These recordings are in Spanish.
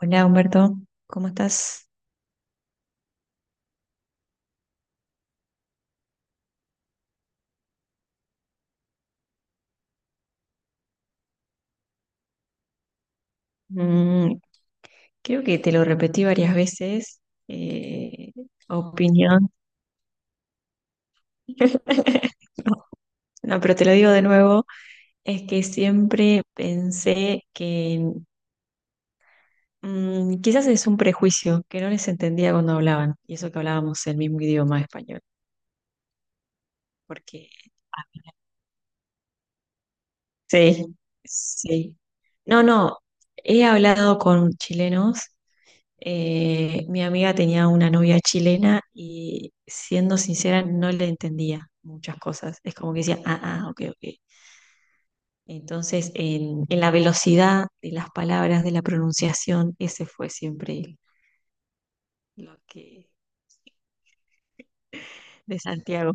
Hola Humberto, ¿cómo estás? Mm, Creo que te lo repetí varias veces. Eh, opinión. No, pero te lo digo de nuevo. Es que siempre pensé que quizás es un prejuicio, que no les entendía cuando hablaban. Y eso que hablábamos el mismo idioma español. Porque sí, sí. No, no. He hablado con chilenos. Mi amiga tenía una novia chilena y siendo sincera no le entendía muchas cosas. Es como que decía, ah, ah, ok, ok. Entonces, en la velocidad de las palabras, de la pronunciación, ese fue siempre el- lo que de Santiago.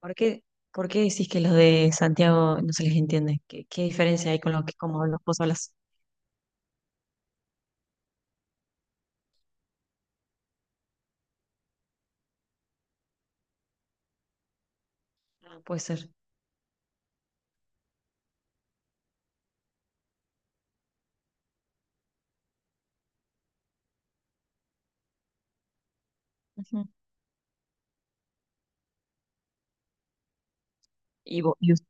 ¿Por qué, por qué decís que los de Santiago no se les entiende? ¿Qué diferencia hay con lo que como los vos hablas? Ah, puede ser. Ujú. ¿Y, vo- y us-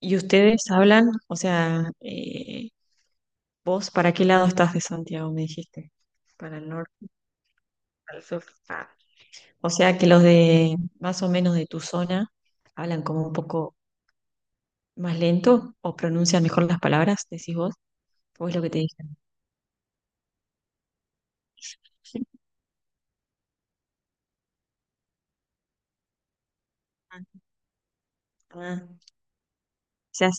y ustedes hablan? O sea, vos, ¿para qué lado estás de Santiago? Me dijiste. Para el norte, para el sur. Ah. O sea que los de más o menos de tu zona hablan como un poco más lento o pronuncian mejor las palabras, decís vos, o es lo que te dicen. Ah, ah. O sea,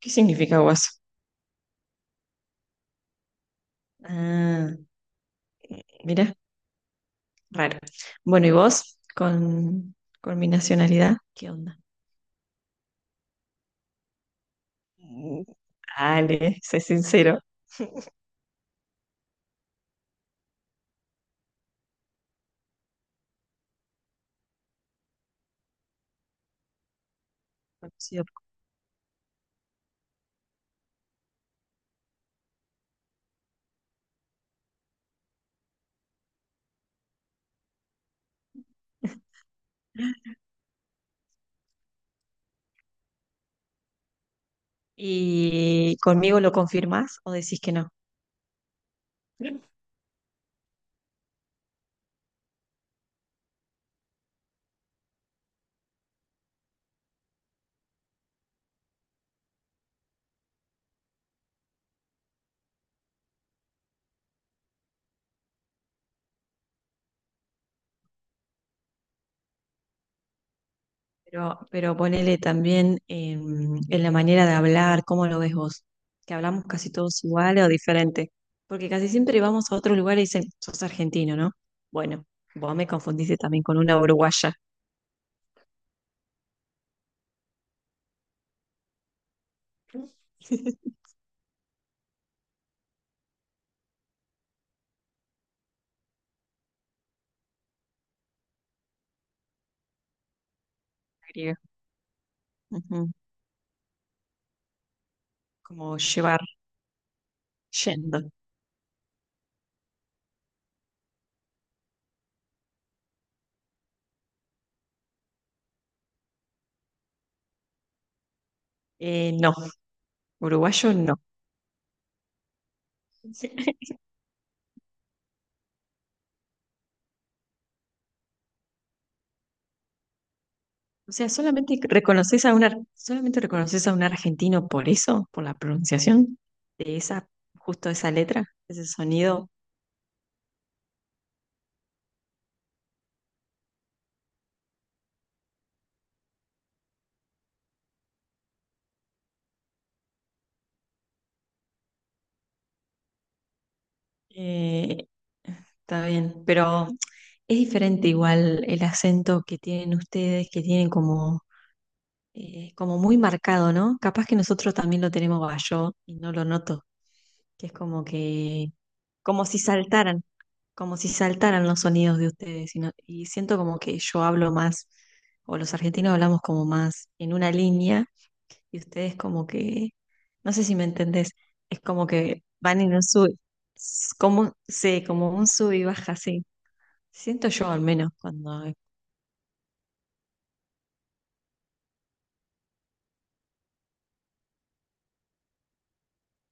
¿qué significa guaso? Ah, mira, raro. Bueno, ¿y vos con mi nacionalidad? ¿Qué onda? Mm, dale, sé sincero. Conocido. ¿Y conmigo lo confirmás o decís que no? Pero ponele también en la manera de hablar, ¿cómo lo ves vos? ¿Que hablamos casi todos igual o diferente? Porque casi siempre vamos a otro lugar y dicen, sos argentino, ¿no? Bueno, vos me confundiste también con una uruguaya. Griega. Ujú. Como llevar, yendo. Eh, no, Uruguayo no. O sea, solamente reconoces a un argentino por eso, por la pronunciación de esa, justo esa letra, ese sonido. Eh, Está bien, pero es diferente igual el acento que tienen ustedes, que tienen como, como muy marcado, ¿no? Capaz que nosotros también lo tenemos, va, yo y no lo noto, que es como que, como si saltaran, como si saltaran los sonidos de ustedes, y, y siento como que yo hablo más, o los argentinos hablamos como más en una línea y ustedes como que, no sé si me entendés, es como que van en un sub, como un sub y baja, sí. Siento yo al menos cuando...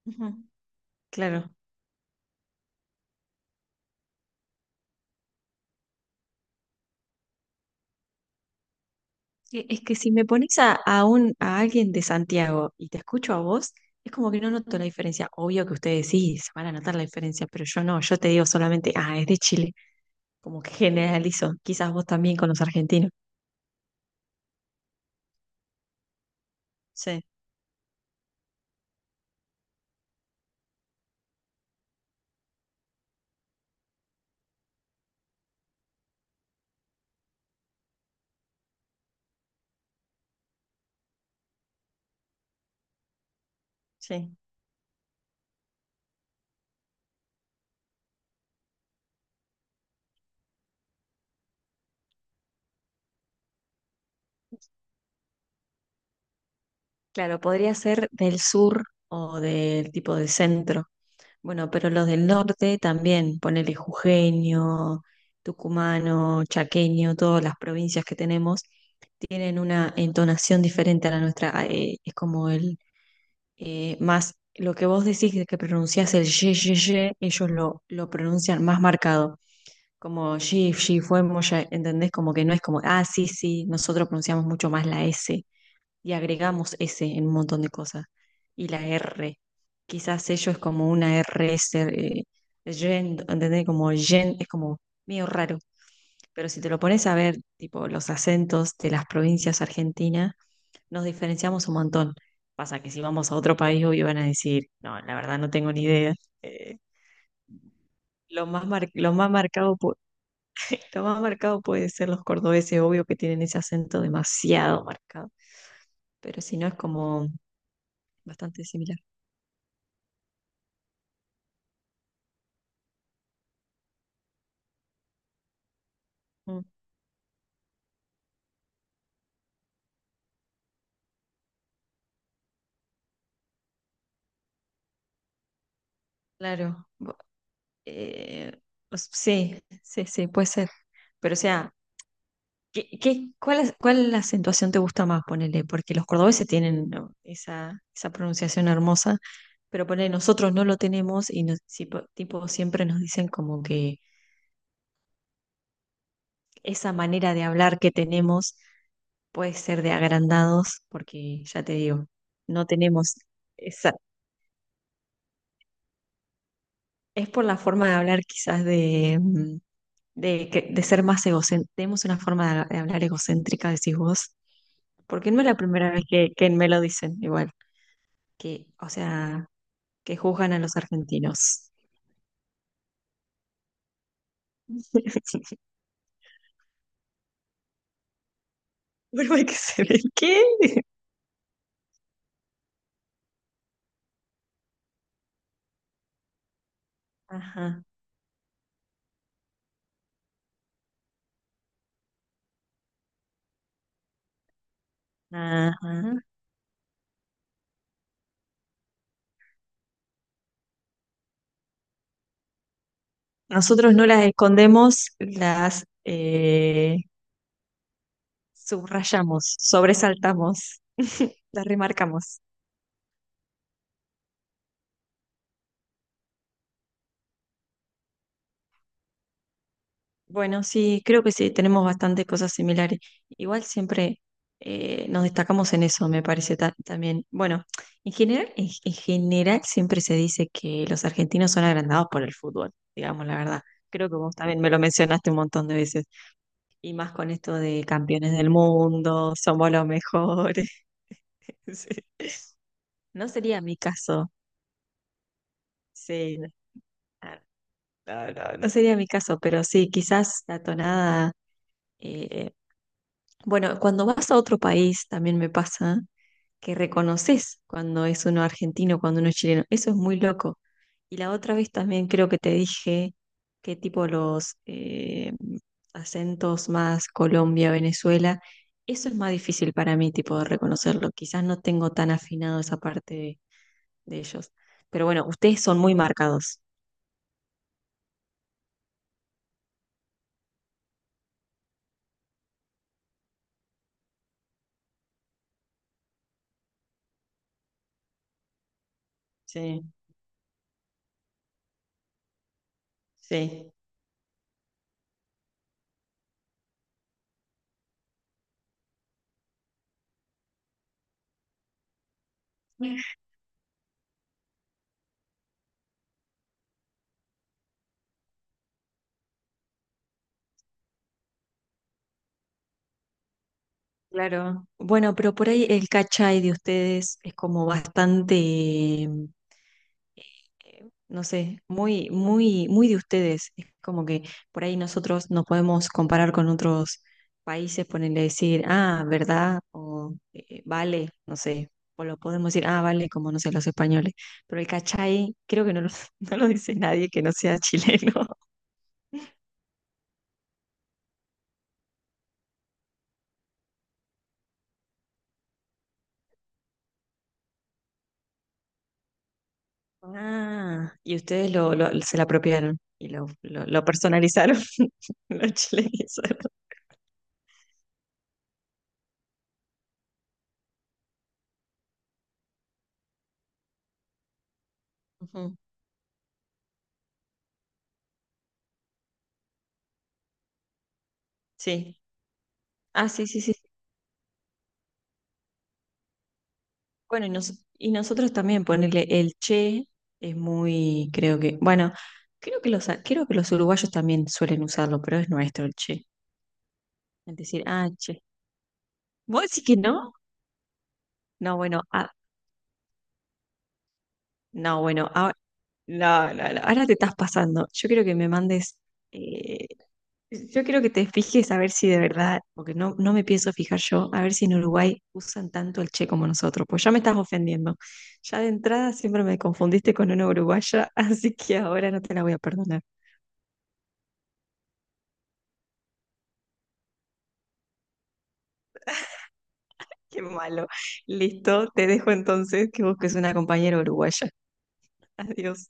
Ujú, claro. Es que si me pones a, a alguien de Santiago y te escucho a vos, es como que no noto la diferencia. Obvio que ustedes sí se van a notar la diferencia, pero yo no, yo te digo solamente, ah, es de Chile, como que generalizo, quizás vos también con los argentinos. Sí, sí. Claro, podría ser del sur o del tipo de centro. Bueno, pero los del norte también, ponele jujeño, tucumano, chaqueño, todas las provincias que tenemos, tienen una entonación diferente a la nuestra. Ah, es como el más, lo que vos decís que pronunciás el ye, ye, ye, ellos lo pronuncian más marcado. Como ye, ye, fue, moya, ¿entendés? Como que no es como, ah, sí, sí, nosotros pronunciamos mucho más la S y agregamos S en un montón de cosas. Y la R, quizás sello es como una RS, gen, ¿entendés? Como gen, es como medio raro. Pero si te lo pones a ver, tipo los acentos de las provincias argentinas, nos diferenciamos un montón. Pasa que si vamos a otro país, obvio van a decir, no, la verdad no tengo ni idea. Eh, lo más marcado, lo más marcado puede ser los cordobeses, obvio que tienen ese acento demasiado marcado. Pero si no es como bastante similar. Mm, Claro. Eh, pues, sí, sí, sí, puede ser. Pero o sea, ¿cuál acentuación te gusta más, ponele? Porque los cordobeses tienen ¿no? esa pronunciación hermosa, pero ponele, nosotros no lo tenemos y nos- si po- tipo, siempre nos dicen como que esa manera de hablar que tenemos puede ser de agrandados, porque ya te digo, no tenemos esa... Es por la forma de hablar quizás de de ser más egocéntrica. Tenemos una forma de, de hablar egocéntrica, decís vos. Porque no es la primera vez que me lo dicen, igual. Que, o sea, que juzgan a los argentinos. Bueno, hay que se ve. ¿Qué? Ajá, ajá. Nosotros no las escondemos, las subrayamos, sobresaltamos, las remarcamos. Bueno, sí, creo que sí, tenemos bastantes cosas similares. Igual siempre nos destacamos en eso, me parece también. Bueno, en general, en general siempre se dice que los argentinos son agrandados por el fútbol, digamos la verdad. Creo que vos también me lo mencionaste un montón de veces. Y más con esto de campeones del mundo, somos los mejores. Sí. No sería mi caso, sí. No, no, no, no sería mi caso, pero sí, quizás la tonada. eh, Bueno, cuando vas a otro país también me pasa que reconoces cuando es uno argentino, cuando uno es chileno. Eso es muy loco. Y la otra vez también creo que te dije que tipo los acentos más Colombia, Venezuela, eso es más difícil para mí tipo de reconocerlo. Quizás no tengo tan afinado esa parte de ellos. Pero bueno, ustedes son muy marcados. Sí, sí. Claro. Bueno, pero por ahí el cachai de ustedes es como bastante no sé, muy, muy, muy de ustedes. Es como que por ahí nosotros nos podemos comparar con otros países, ponerle decir, ah, ¿verdad? O vale, no sé. O lo podemos decir, ah, vale, como no sé, los españoles. Pero el cachai, creo que no lo, no lo dice nadie que no sea chileno. Ah, y ustedes se la apropiaron y lo personalizaron, lo chilenizaron. Ujú, sí. Ah, sí, sí, sí. Bueno, y nosotros también ponerle el che es muy, creo que, bueno, creo que los uruguayos también suelen usarlo, pero es nuestro el che. Es decir, ah, che. ¿Vos decís que no? No, bueno, ah, no, bueno, ah, no, no, no, ahora te estás pasando. Yo quiero que me mandes, eh, yo quiero que te fijes a ver si de verdad, porque no, no me pienso fijar yo, a ver si en Uruguay usan tanto el che como nosotros, pues ya me estás ofendiendo. Ya de entrada siempre me confundiste con una uruguaya, así que ahora no te la voy a perdonar. Qué malo. Listo, te dejo entonces que busques una compañera uruguaya. Adiós.